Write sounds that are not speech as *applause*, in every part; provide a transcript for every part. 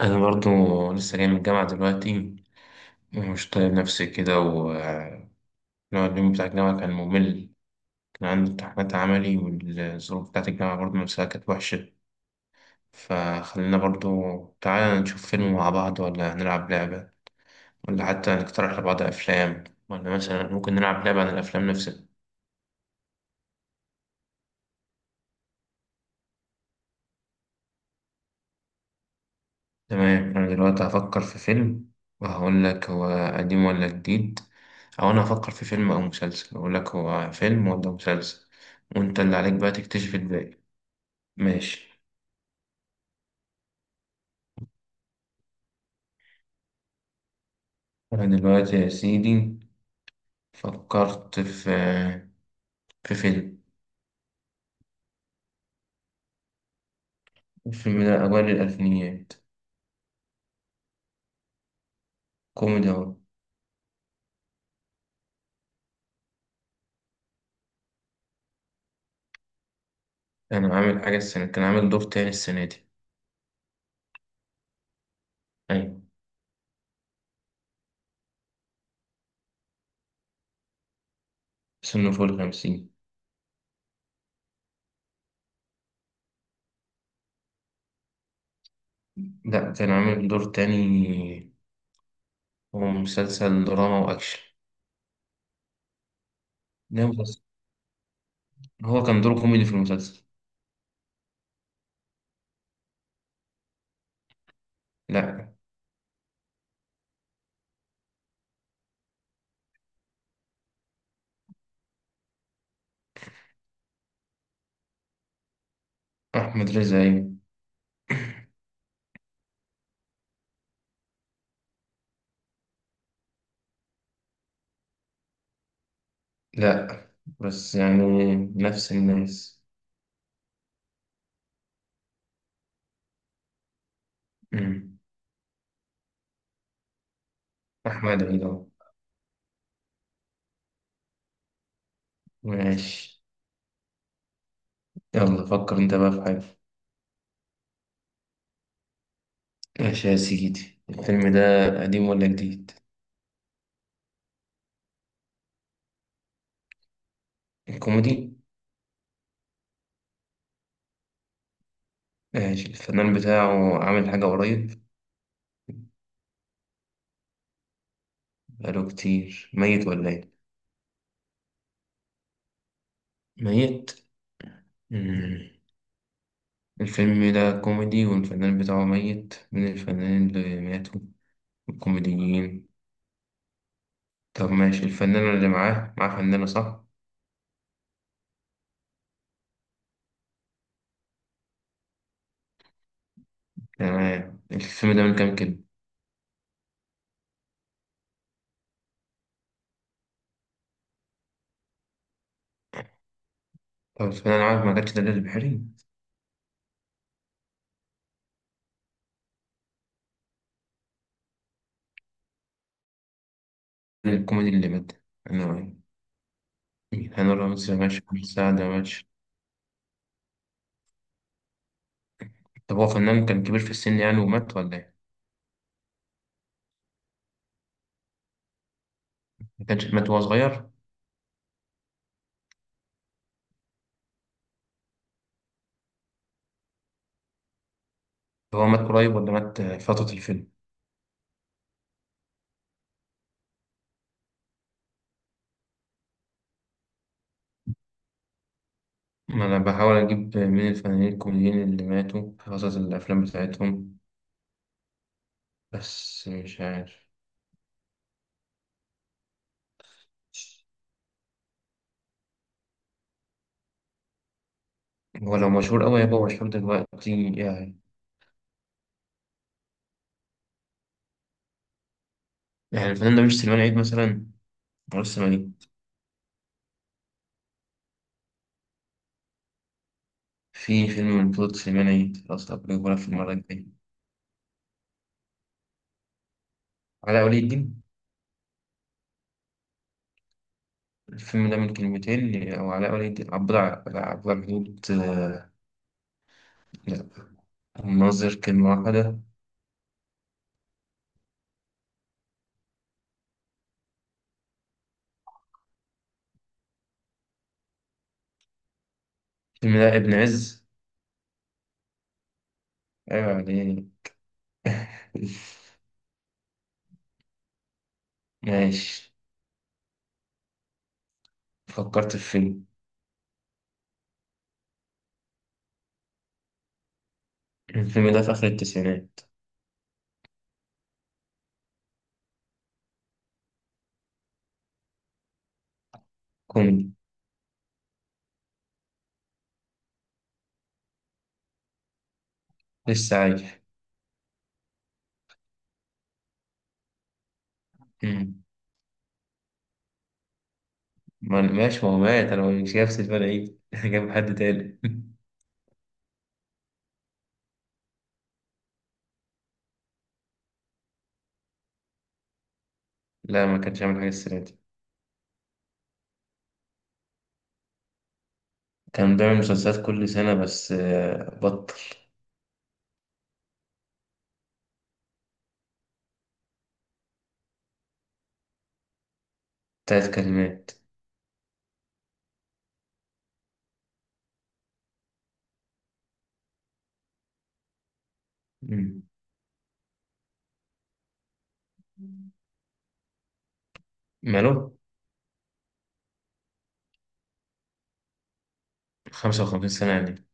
أنا برضو لسه جاي من الجامعة دلوقتي ومش طايق نفسي كده ونقعد. اليوم بتاع الجامعة كان ممل، كان عندي امتحانات عملي والظروف بتاعت الجامعة برضو نفسها كانت وحشة. فخلينا برضو تعالى نشوف فيلم مع بعض، ولا هنلعب لعبة، ولا حتى نقترح لبعض أفلام، ولا مثلا ممكن نلعب لعبة عن الأفلام نفسها. تمام، أنا دلوقتي هفكر في فيلم وهقول لك هو قديم ولا جديد، أو أنا هفكر في فيلم أو مسلسل أقول لك هو فيلم ولا مسلسل، وأنت اللي عليك بقى تكتشف الباقي. ماشي. أنا دلوقتي يا سيدي فكرت في في فيلم. الفيلم ده أوائل الألفينيات. كوميدي أهو. أنا عامل حاجة السنة، كان عامل دور تاني السنة دي. أيوة. سنه فوق الخمسين. لأ، كان عامل دور تاني، هو مسلسل دراما وأكشن. ده هو كان دوره كوميدي في المسلسل. لا. أحمد رزا أيوة. لا بس يعني نفس الناس. مم. أحمد عيد أهو. ماشي، يلا فكر أنت بقى في حاجة. ماشي يا سيدي، الفيلم ده قديم ولا جديد؟ الكوميدي. ماشي، الفنان بتاعه عامل حاجة قريب. بقاله كتير ميت ولا إيه؟ ميت؟ مم. الفيلم ده كوميدي، والفنان بتاعه ميت من الفنانين اللي ماتوا الكوميديين. طب ماشي، الفنانة اللي معاه معاه فنانة صح؟ تمام، الفيلم ده من كام كلمة؟ طب الفنانة عارف ما كانتش دليل البحري؟ الكوميدي اللي مات. أنا، هاني رمزي ماشي، محمد سعد ماشي. طب هو فنان كان كبير في السن يعني ومات ولا إيه؟ ما كانش مات وهو صغير؟ طب هو مات قريب ولا مات فترة الفيلم؟ ما أنا بحاول أجيب مين الفنانين الكوميديين اللي ماتوا في فترة الأفلام بتاعتهم، بس مش عارف. هو لو مشهور أوي هيبقى مشهور دلوقتي يعني. يعني الفنان ده مش سليمان عيد مثلا. ولا لسه ما جه. في فيلم من بطولة سليمان عيد، خلاص أبو يقولها في المرة الجاية. علاء ولي الدين. الفيلم ده من كلمتين، أو علاء ولي الدين، عبد عبد الحدود لا، الناظر كلمة واحدة. الفيلم ده ابن عز. أيوة عليه. *laughs* ماشي، فكرت في فيلم. الفيلم ده في آخر التسعينات. كوميدي. لسه عايش. مم. ماشي، ما هو مات، أنا مش نفس الفرق إيه جاب *laughs* حد تاني *laughs* لا ما كانش عامل حاجة السنة دي. كان بيعمل مسلسلات كل سنة بس بطل. تلات كلمات. مم. ماله؟ خمسة وخمسين سنة يعني.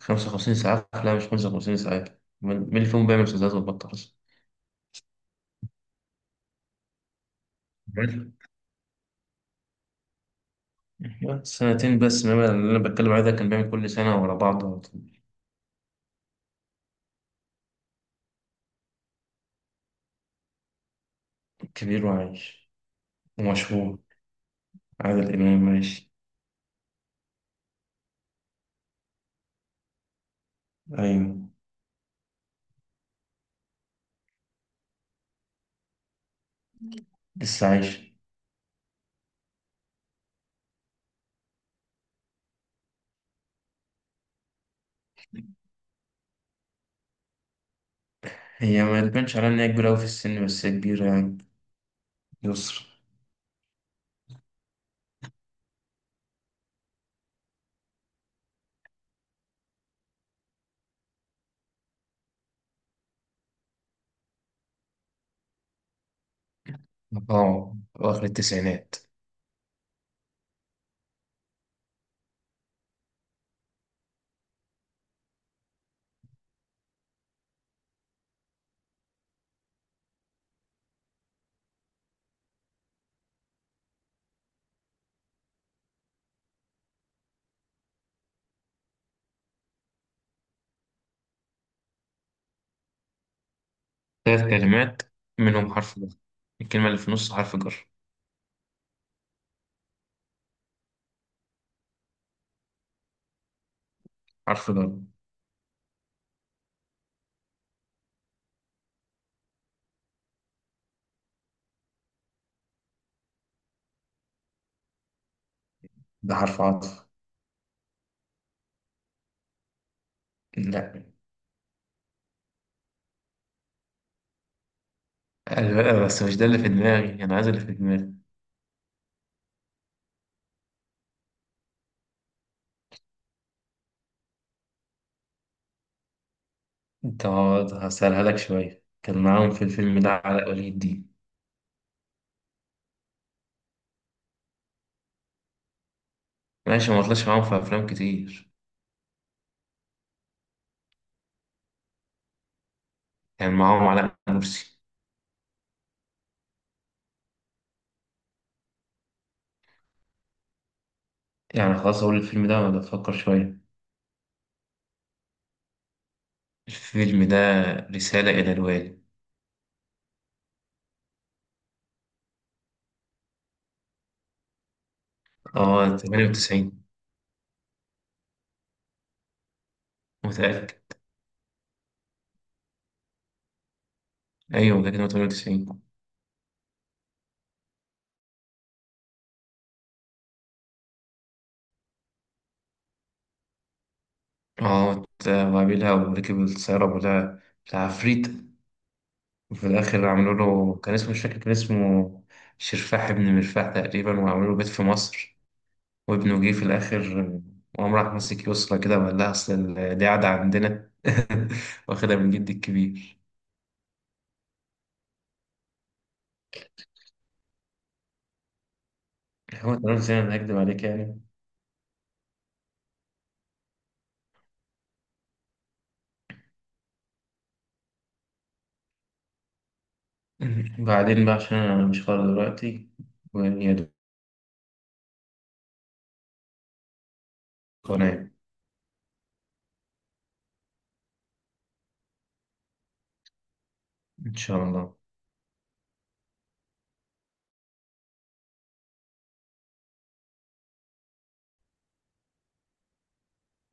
خمسة وخمسين ساعة، لا مش خمسة وخمسين ساعة. مين اللي فيهم بيعمل مسدسات وبطل أصلا؟ بل- سنتين بس، إنما اللي أنا بتكلم عليه ده كان بيعمل كل سنة ورا بعض. كبير وعايش. ومشهور. عادل إمام ماشي. أيوة. لسه عايش. هي ما تبانش عليها إن هي كبيرة أوي في السن، بس هي كبيرة يعني. يسر. أه، أواخر التسعينات. ثلاث كلمات، منهم حرف جر. الكلمة اللي في النص حرف جر. حرف جر. ده حرف عطف. لا. بس مش ده اللي في دماغي، أنا عايز اللي في دماغي. أنت، هسألها لك شوية. كان معاهم في الفيلم ده علاء ولي الدين. ماشي. ما طلعش معاهم في أفلام كتير. كان معاهم علاء مرسي. يعني خلاص أقول الفيلم ده ولا أفكر شوية. الفيلم ده رسالة إلى الوالي. آه، 98. متأكد. أيوة متأكد إن هو 98. آه وقابلها وركب السيارة، ولا العفريت في الآخر عملوا له، كان اسمه مش فاكر، كان اسمه شرفاح ابن مرفاح تقريبا، وعملوا له بيت في مصر. وابنه جه في الآخر، وقام راح ماسك يسرى كده وقال لها أصل دي عادة عندنا، *laughs* واخدها من جدي الكبير. هو تمام، زي ما أنا هكدب عليك يعني. *laughs* بعدين بقى عشان أنا مش فاضي دلوقتي، ويا دوب وأنام. إن شاء الله.